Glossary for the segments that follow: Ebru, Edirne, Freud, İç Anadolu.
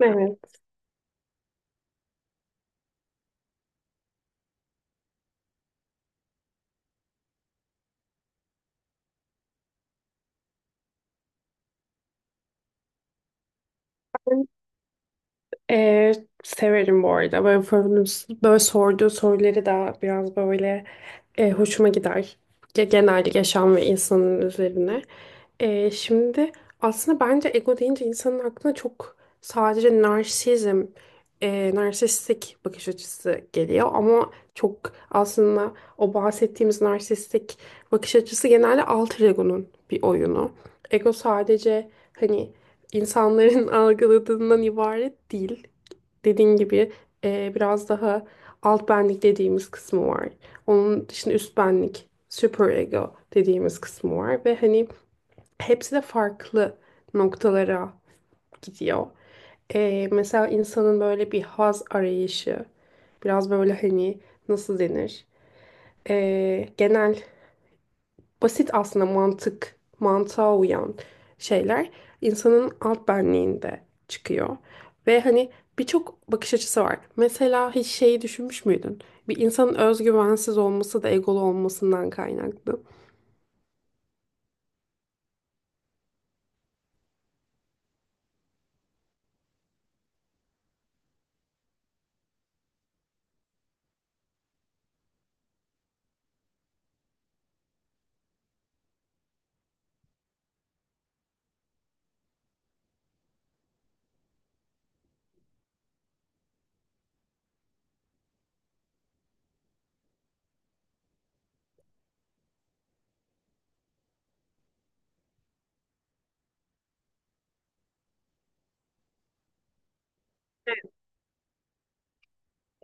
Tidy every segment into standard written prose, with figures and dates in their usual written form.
Evet. Ben eee, severim bu arada. Böyle, böyle sorduğu soruları da biraz böyle hoşuma gider. Genel yaşam ve insanın üzerine. Şimdi aslında bence ego deyince insanın aklına çok sadece narsizm, narsistik bakış açısı geliyor. Ama çok aslında o bahsettiğimiz narsistik bakış açısı genelde alter ego'nun bir oyunu. Ego sadece hani insanların algıladığından ibaret değil. Dediğin gibi biraz daha alt benlik dediğimiz kısmı var. Onun dışında üst benlik, super ego dediğimiz kısmı var ve hani hepsi de farklı noktalara gidiyor. Mesela insanın böyle bir haz arayışı, biraz böyle hani nasıl denir? Genel basit aslında mantık, mantığa uyan şeyler insanın alt benliğinde çıkıyor. Ve hani birçok bakış açısı var. Mesela hiç şeyi düşünmüş müydün? Bir insanın özgüvensiz olması da egolu olmasından kaynaklı.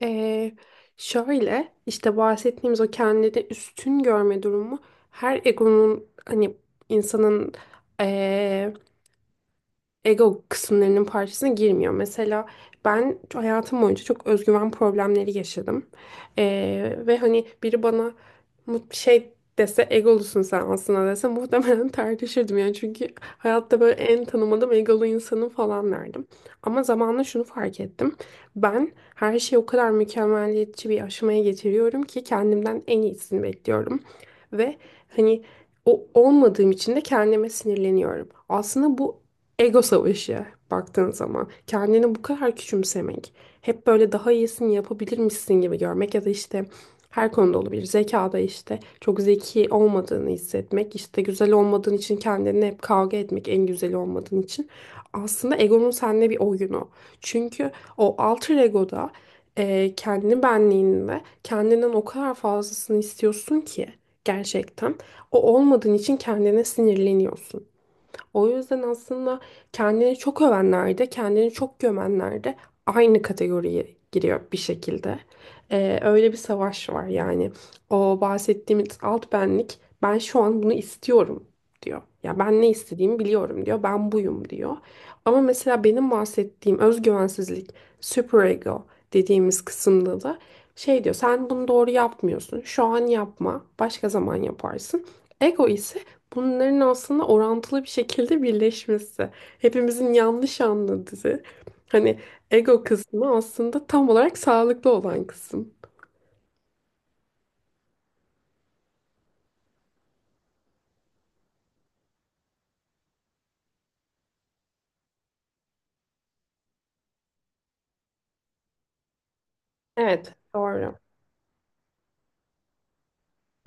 Ee, Şöyle işte bahsettiğimiz o kendini üstün görme durumu her egonun hani insanın ego kısımlarının parçasına girmiyor. Mesela ben hayatım boyunca çok özgüven problemleri yaşadım. Ve hani biri bana şey dese egolusun sen aslında dese muhtemelen tartışırdım yani çünkü hayatta böyle en tanımadığım egolu insanım falan derdim. Ama zamanla şunu fark ettim. Ben her şeyi o kadar mükemmeliyetçi bir aşamaya getiriyorum ki kendimden en iyisini bekliyorum. Ve hani o olmadığım için de kendime sinirleniyorum. Aslında bu ego savaşı baktığın zaman kendini bu kadar küçümsemek, hep böyle daha iyisini yapabilirmişsin gibi görmek ya da işte her konuda olabilir. Zekada işte çok zeki olmadığını hissetmek, işte güzel olmadığın için kendini hep kavga etmek en güzeli olmadığın için. Aslında egonun seninle bir oyunu. Çünkü o alter egoda kendi benliğinde kendinden o kadar fazlasını istiyorsun ki gerçekten o olmadığın için kendine sinirleniyorsun. O yüzden aslında kendini çok övenler de, kendini çok gömenler de aynı kategoriye giriyor bir şekilde. Öyle bir savaş var yani. O bahsettiğimiz alt benlik, ben şu an bunu istiyorum diyor. Ya ben ne istediğimi biliyorum diyor. Ben buyum diyor. Ama mesela benim bahsettiğim özgüvensizlik, superego dediğimiz kısımda da şey diyor. Sen bunu doğru yapmıyorsun. Şu an yapma. Başka zaman yaparsın. Ego ise bunların aslında orantılı bir şekilde birleşmesi. Hepimizin yanlış anladığı. Hani ego kısmı aslında tam olarak sağlıklı olan kısım. Evet, doğru.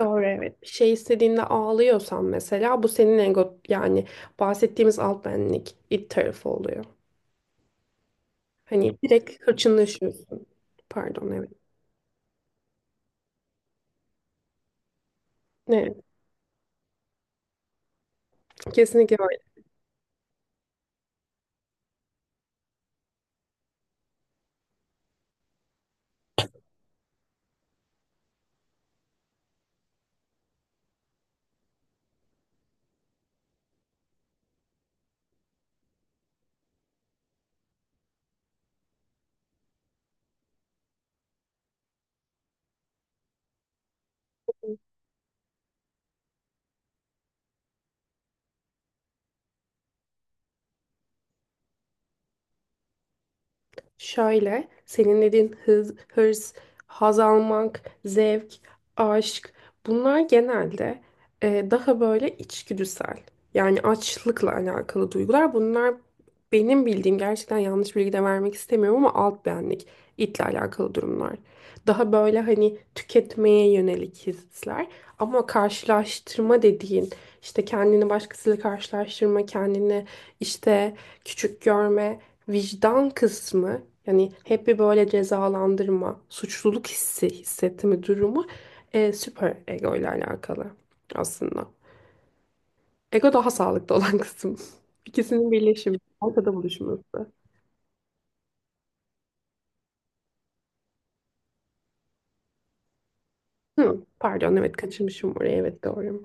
Doğru evet. Bir şey istediğinde ağlıyorsan mesela bu senin ego yani bahsettiğimiz alt benlik it tarafı oluyor. Hani direkt hırçınlaşıyorsun. Pardon evet. Evet, kesinlikle. Şöyle, senin dediğin hız, hırs, haz almak, zevk, aşk bunlar genelde daha böyle içgüdüsel. Yani açlıkla alakalı duygular. Bunlar benim bildiğim gerçekten yanlış bilgi de vermek istemiyorum ama alt benlik itle alakalı durumlar. Daha böyle hani tüketmeye yönelik hisler. Ama karşılaştırma dediğin işte kendini başkasıyla karşılaştırma, kendini işte küçük görme, vicdan kısmı yani hep bir böyle cezalandırma, suçluluk hissi hissetme durumu süper ego ile alakalı aslında. Ego daha sağlıklı olan kısım. İkisinin birleşimi, ortada buluşması. Hı, pardon evet kaçırmışım orayı evet doğru.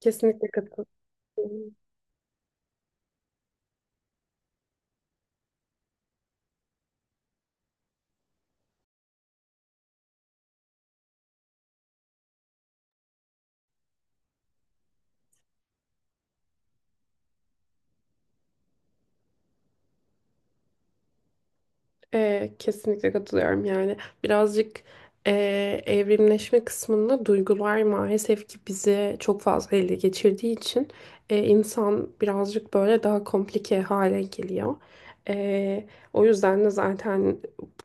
Kesinlikle katılıyorum. Kesinlikle katılıyorum yani birazcık e, evrimleşme kısmında duygular maalesef ki bizi çok fazla ele geçirdiği için insan birazcık böyle daha komplike hale geliyor. Ee, O yüzden de zaten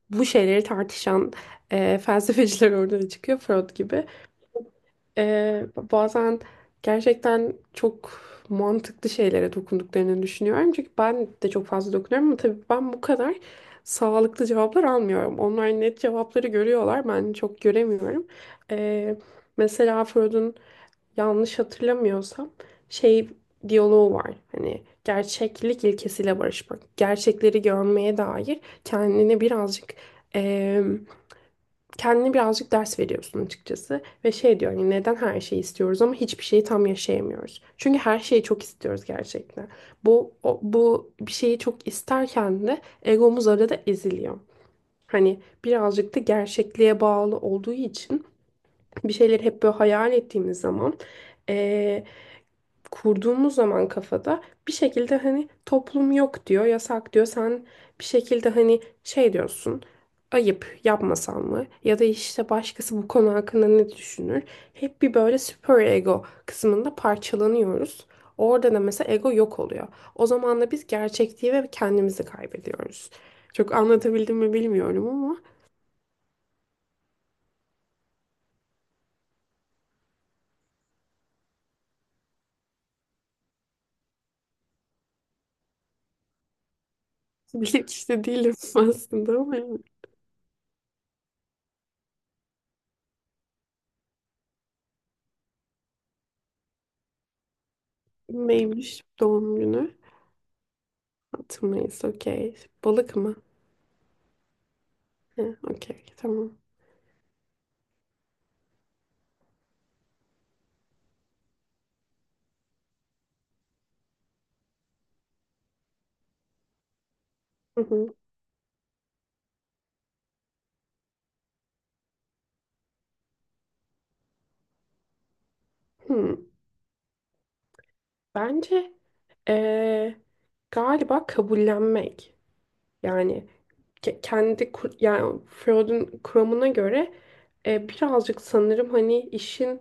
bu şeyleri tartışan felsefeciler ortaya çıkıyor Freud gibi. Bazen gerçekten çok mantıklı şeylere dokunduklarını düşünüyorum. Çünkü ben de çok fazla dokunuyorum ama tabii ben bu kadar sağlıklı cevaplar almıyorum. Onlar net cevapları görüyorlar, ben çok göremiyorum. Ee, Mesela Freud'un yanlış hatırlamıyorsam şey diyaloğu var. Hani gerçeklik ilkesiyle barışmak, gerçekleri görmeye dair kendini birazcık kendine birazcık ders veriyorsun açıkçası. Ve şey diyor hani neden her şeyi istiyoruz ama hiçbir şeyi tam yaşayamıyoruz. Çünkü her şeyi çok istiyoruz gerçekten. Bu bir şeyi çok isterken de egomuz arada eziliyor. Hani birazcık da gerçekliğe bağlı olduğu için bir şeyleri hep böyle hayal ettiğimiz zaman Ee, kurduğumuz zaman kafada bir şekilde hani toplum yok diyor, yasak diyor. Sen bir şekilde hani şey diyorsun. Ayıp yapmasan mı? Ya da işte başkası bu konu hakkında ne düşünür? Hep bir böyle süper ego kısmında parçalanıyoruz. Orada da mesela ego yok oluyor. O zaman da biz gerçekliği ve kendimizi kaybediyoruz. Çok anlatabildim mi bilmiyorum ama bilinçli işte değilim aslında ama neymiş doğum günü? 6 Mayıs okey. Balık mı? He, okey, tamam. Hı hı. Hmm. Bence eee, galiba kabullenmek. Yani yani Freud'un kuramına göre birazcık sanırım hani işin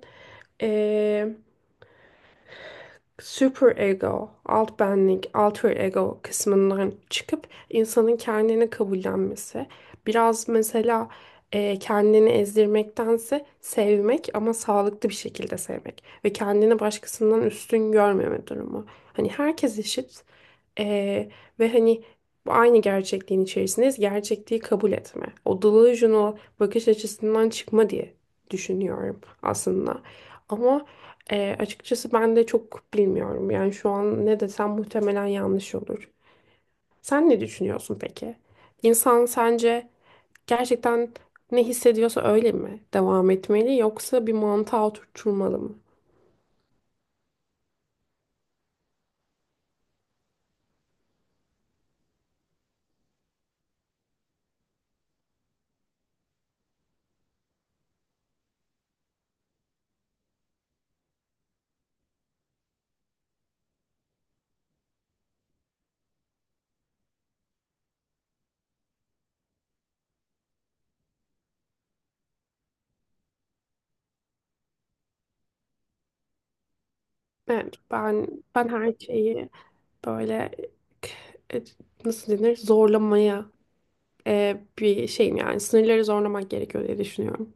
super ego, alt benlik, alter ego kısmından çıkıp insanın kendini kabullenmesi. Biraz mesela kendini ezdirmektense sevmek ama sağlıklı bir şekilde sevmek ve kendini başkasından üstün görmeme durumu. Hani herkes eşit ee, ve hani bu aynı gerçekliğin içerisindeyiz. Gerçekliği kabul etme. O delusional bakış açısından çıkma diye düşünüyorum aslında. Ama açıkçası ben de çok bilmiyorum. Yani şu an ne desem muhtemelen yanlış olur. Sen ne düşünüyorsun peki? İnsan sence gerçekten ne hissediyorsa öyle mi devam etmeli yoksa bir mantığa oturtulmalı mı? Evet, ben her şeyi böyle e, nasıl denir zorlamaya bir şeyim yani sınırları zorlamak gerekiyor diye düşünüyorum.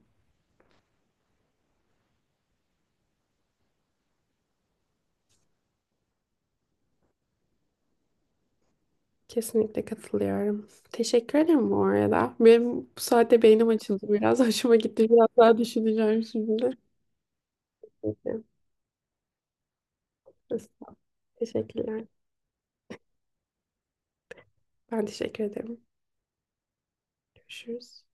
Kesinlikle katılıyorum. Teşekkür ederim bu arada. Benim bu saatte beynim açıldı biraz. Hoşuma gitti. Biraz daha düşüneceğim şimdi. Peki. Estağfurullah. Teşekkürler. Ben teşekkür ederim. Görüşürüz.